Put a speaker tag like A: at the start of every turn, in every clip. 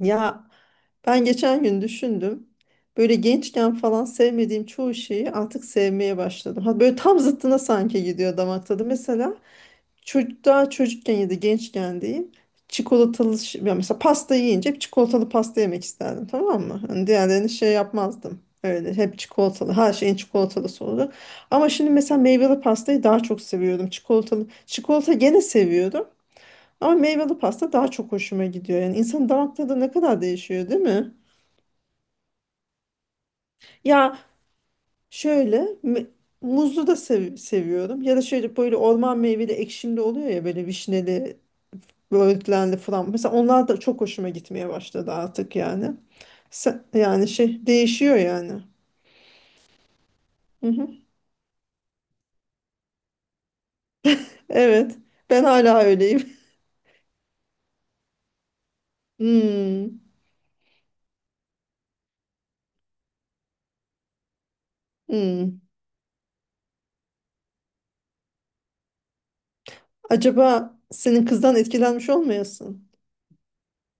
A: Ya ben geçen gün düşündüm. Böyle gençken falan sevmediğim çoğu şeyi artık sevmeye başladım. Ha, böyle tam zıttına sanki gidiyor damak tadı. Mesela çocuk daha çocukken ya da gençken diyeyim. Çikolatalı ya mesela pasta yiyince hep çikolatalı pasta yemek isterdim, tamam mı? Hani diğerlerini şey yapmazdım. Öyle hep çikolatalı, her şeyin çikolatalısı oldu. Ama şimdi mesela meyveli pastayı daha çok seviyordum. Çikolatalı çikolata gene seviyordum. Ama meyveli pasta daha çok hoşuma gidiyor. Yani insanın damak tadı ne kadar değişiyor, değil mi? Ya şöyle me- muzlu da seviyorum. Ya da şöyle böyle orman meyveli ekşimli oluyor ya, böyle vişneli, böğürtlenli falan. Mesela onlar da çok hoşuma gitmeye başladı artık yani. Yani şey değişiyor yani. Hı hı. Evet. Ben hala öyleyim. Hmm, hmm. Acaba senin kızdan etkilenmiş olmayasın?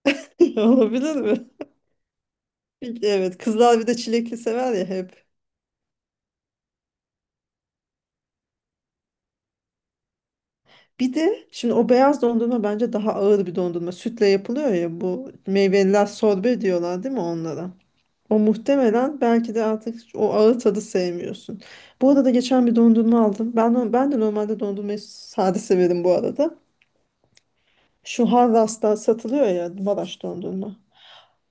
A: Olabilir mi? Evet, kızlar bir de çilekli sever ya hep. Bir de şimdi o beyaz dondurma bence daha ağır bir dondurma. Sütle yapılıyor ya, bu meyveliler sorbe diyorlar değil mi onlara? O muhtemelen, belki de artık o ağır tadı sevmiyorsun. Bu arada geçen bir dondurma aldım. Ben no- Ben de normalde dondurmayı sade severim bu arada. Şu Harras'ta satılıyor ya, Maraş dondurma.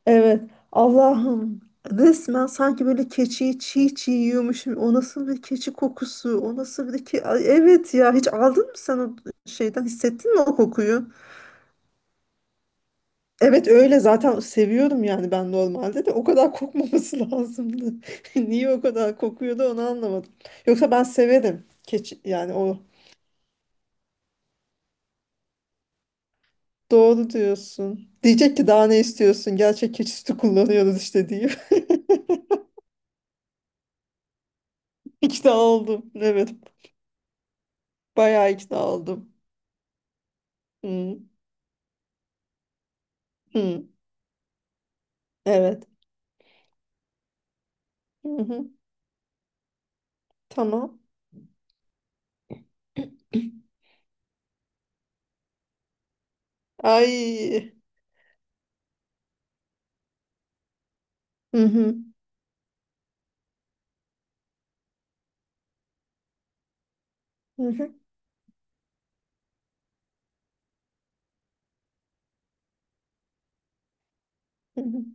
A: Evet. Allah'ım, resmen sanki böyle keçiyi çiğ çiğ yiyormuşum. O nasıl bir keçi kokusu? O nasıl bir ki? Ay, evet ya, hiç aldın mı sen o şeyden? Hissettin mi o kokuyu? Evet, öyle zaten seviyorum yani, ben normalde de o kadar kokmaması lazımdı. Niye o kadar kokuyordu onu anlamadım. Yoksa ben severim keçi yani, o doğru diyorsun. Diyecek ki daha ne istiyorsun? Gerçek keçi sütü kullanıyoruz işte diye. İkna oldum. Evet. Bayağı ikna oldum. Hı, hı. Evet. Hı hı. Tamam. Ay. Hı hı, hı hı, hı hı.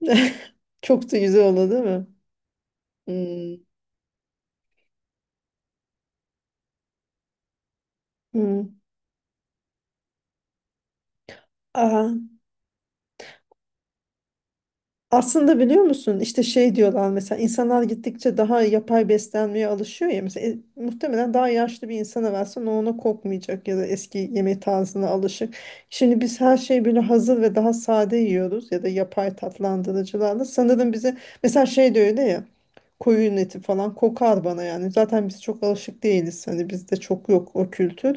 A: Çok da güzel oldu değil mi? Hı. Hı. Aha. Aslında biliyor musun, işte şey diyorlar, mesela insanlar gittikçe daha yapay beslenmeye alışıyor ya, mesela muhtemelen daha yaşlı bir insana versen o ona kokmayacak ya da eski yemek tarzına alışık. Şimdi biz her şeyi böyle hazır ve daha sade yiyoruz ya da yapay tatlandırıcılarla, sanırım bize mesela şey de öyle ya, koyun eti falan kokar bana yani, zaten biz çok alışık değiliz, hani bizde çok yok o kültür.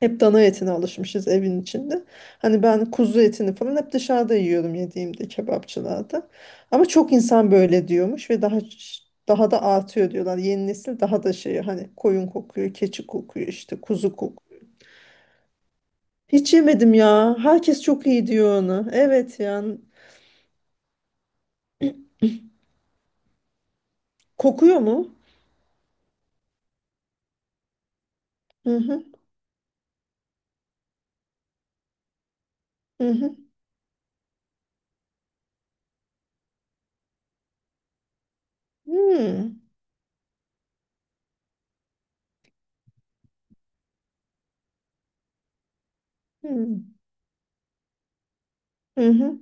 A: Hep dana etine alışmışız evin içinde. Hani ben kuzu etini falan hep dışarıda yiyorum, yediğimde kebapçılarda. Ama çok insan böyle diyormuş ve daha da artıyor diyorlar. Yeni nesil daha da şey, hani koyun kokuyor, keçi kokuyor, işte kuzu kokuyor. Hiç yemedim ya. Herkes çok iyi diyor onu. Evet yani kokuyor mu? Hı hı, hı hı. Hmm, hmm, hı hı,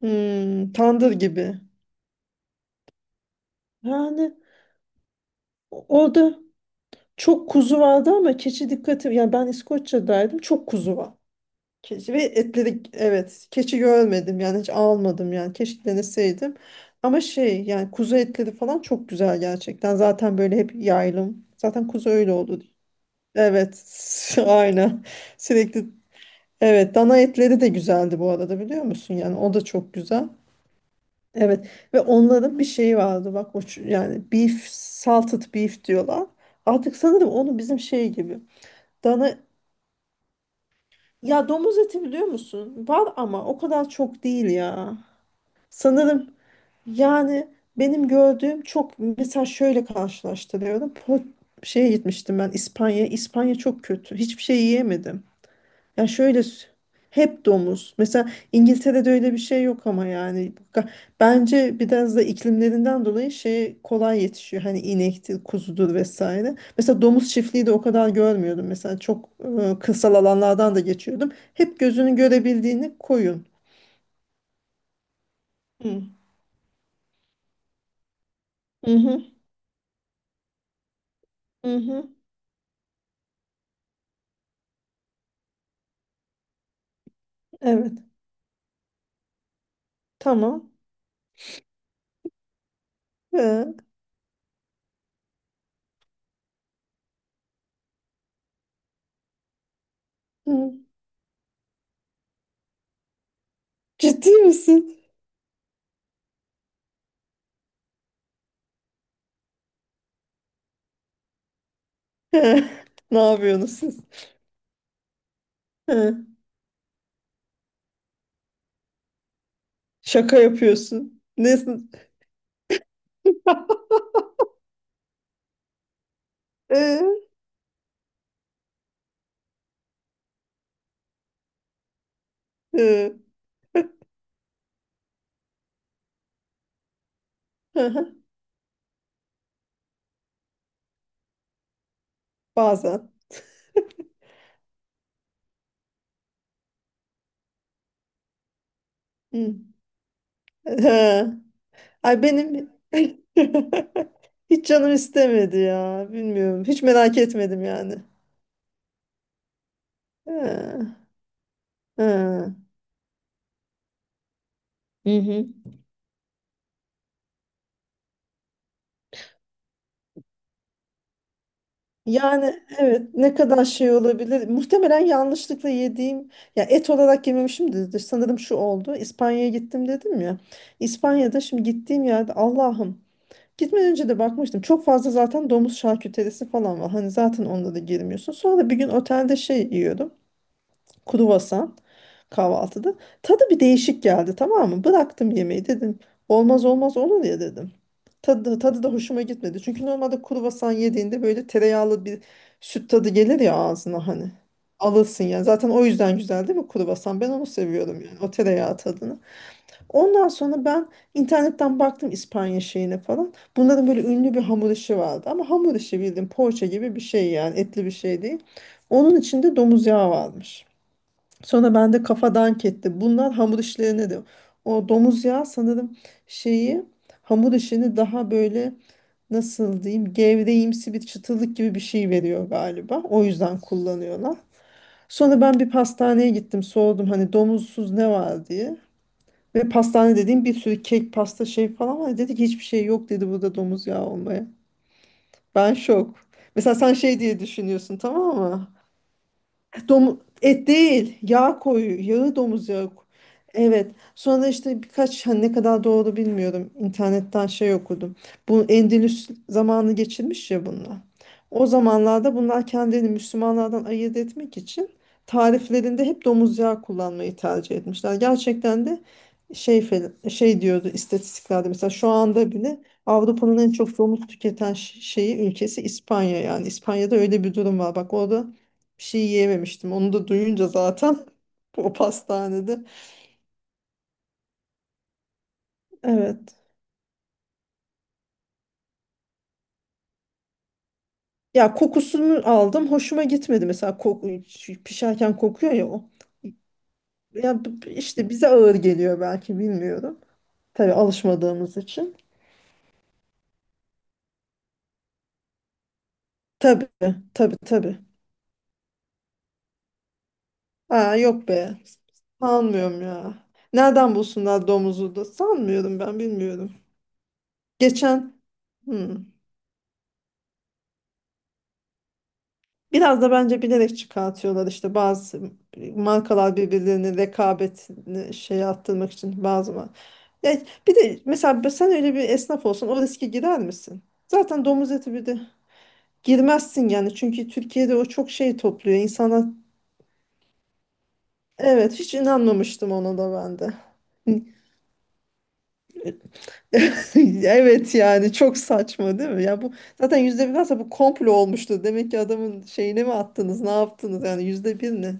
A: hmm. Tandır gibi. Yani da. Çok kuzu vardı ama keçi dikkati, yani ben İskoçya'daydım, çok kuzu var. Keçi ve etleri, evet, keçi görmedim yani, hiç almadım yani, keşke deneseydim. Ama şey yani, kuzu etleri falan çok güzel gerçekten, zaten böyle hep yaylım. Zaten kuzu öyle oldu. Evet, aynen, sürekli, evet, dana etleri de güzeldi bu arada, biliyor musun, yani o da çok güzel. Evet, ve onların bir şeyi vardı bak, o yani beef salted beef diyorlar. Artık sanırım onu bizim şey gibi. Dana Ya, domuz eti biliyor musun? Var ama o kadar çok değil ya. Sanırım yani, benim gördüğüm çok, mesela şöyle karşılaştırıyorum. Şeye gitmiştim ben, İspanya. İspanya çok kötü. Hiçbir şey yiyemedim. Ya şöyle hep domuz. Mesela İngiltere'de öyle bir şey yok ama yani, bence biraz da iklimlerinden dolayı şey kolay yetişiyor. Hani inektir, kuzudur vesaire. Mesela domuz çiftliği de o kadar görmüyordum. Mesela çok kırsal alanlardan da geçiyordum. Hep gözünün görebildiğini koyun. Hı. Hı hı, hı hı. Evet. Tamam. He. Hı. Ciddi misin? He. Ne yapıyorsunuz siz? He. Şaka yapıyorsun. Ne? Ee, e. Hı hı. Bazen. Hı. He. Ay benim hiç canım istemedi ya. Bilmiyorum. Hiç merak etmedim yani. He. He. Hı hı. Yani evet, ne kadar şey olabilir. Muhtemelen yanlışlıkla yediğim ya, et olarak yememişimdir. Sanırım şu oldu. İspanya'ya gittim dedim ya. İspanya'da şimdi gittiğim yerde, Allah'ım. Gitmeden önce de bakmıştım. Çok fazla zaten domuz şarküterisi falan var. Hani zaten onda da girmiyorsun. Sonra bir gün otelde şey yiyordum, kruvasan, kahvaltıda. Tadı bir değişik geldi, tamam mı? Bıraktım yemeği, dedim. Olmaz olmaz olur ya, dedim. Tadı da hoşuma gitmedi. Çünkü normalde kruvasan yediğinde böyle tereyağlı bir süt tadı gelir ya ağzına, hani. Alırsın yani. Zaten o yüzden güzel değil mi kruvasan? Ben onu seviyorum yani, o tereyağı tadını. Ondan sonra ben internetten baktım İspanya şeyine falan. Bunların böyle ünlü bir hamur işi vardı. Ama hamur işi bildiğin poğaça gibi bir şey yani, etli bir şey değil. Onun içinde domuz yağı varmış. Sonra ben de kafa dank etti, bunlar hamur işlerine de. O domuz yağı sanırım şeyi, hamur işini daha böyle nasıl diyeyim, gevreğimsi bir çıtırlık gibi bir şey veriyor galiba. O yüzden kullanıyorlar. Sonra ben bir pastaneye gittim, sordum hani domuzsuz ne var diye. Ve pastane dediğim, bir sürü kek, pasta, şey falan var. Dedi ki hiçbir şey yok dedi burada, domuz yağı olmaya. Ben şok. Mesela sen şey diye düşünüyorsun, tamam mı? Et değil, yağ koyu, yağı, domuz yağı. Evet. Sonra işte, birkaç, hani ne kadar doğru bilmiyorum, İnternetten şey okudum. Bu Endülüs zamanı geçirmiş ya bunlar. O zamanlarda bunlar kendini Müslümanlardan ayırt etmek için tariflerinde hep domuz yağı kullanmayı tercih etmişler. Gerçekten de şey, şey diyordu istatistiklerde, mesela şu anda bile Avrupa'nın en çok domuz tüketen şeyi, ülkesi İspanya, yani İspanya'da öyle bir durum var. Bak orada bir şey yiyememiştim. Onu da duyunca zaten, o pastanede. Evet. Ya, kokusunu aldım, hoşuma gitmedi mesela, koku, şu pişerken kokuyor ya o. Ya işte bize ağır geliyor belki, bilmiyorum. Tabii, alışmadığımız için. Tabii, tabii, tabii. Aa, yok be. Sanmıyorum ya. Nereden bulsunlar domuzu da? Sanmıyorum, ben bilmiyorum. Geçen. Hmm. Biraz da bence bilerek çıkartıyorlar, işte bazı markalar birbirlerine rekabetini şey arttırmak için, bazı var. Ya bir de mesela sen öyle bir esnaf olsan o riske girer misin? Zaten domuz eti, bir de girmezsin yani, çünkü Türkiye'de o çok şey topluyor insanlar. Evet, hiç inanmamıştım ona da ben de. Evet yani çok saçma değil mi? Ya bu zaten %1 varsa, bu komplo olmuştu. Demek ki adamın şeyine mi attınız, ne yaptınız yani, %1 ne?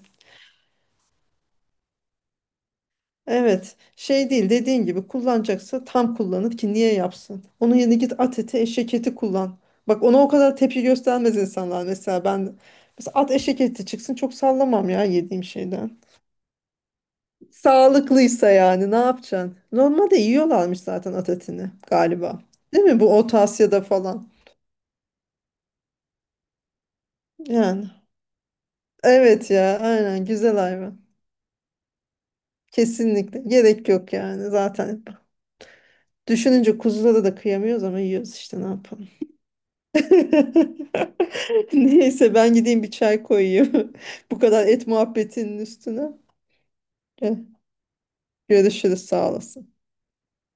A: Evet, şey değil, dediğin gibi kullanacaksa tam kullanır, ki niye yapsın? Onun yerine git at eti, eşek eti kullan. Bak ona o kadar tepki göstermez insanlar, mesela ben, mesela at, eşek eti çıksın çok sallamam ya yediğim şeyden. Sağlıklıysa yani, ne yapacaksın? Normalde yiyorlarmış zaten at etini galiba. Değil mi, bu Orta Asya'da falan? Yani evet ya, aynen, güzel hayvan. Kesinlikle gerek yok yani zaten. Düşününce kuzulara da kıyamıyoruz ama yiyoruz işte, ne yapalım. Evet. Neyse, ben gideyim bir çay koyayım. Bu kadar et muhabbetinin üstüne. Eh, görüşürüz, sağ olasın.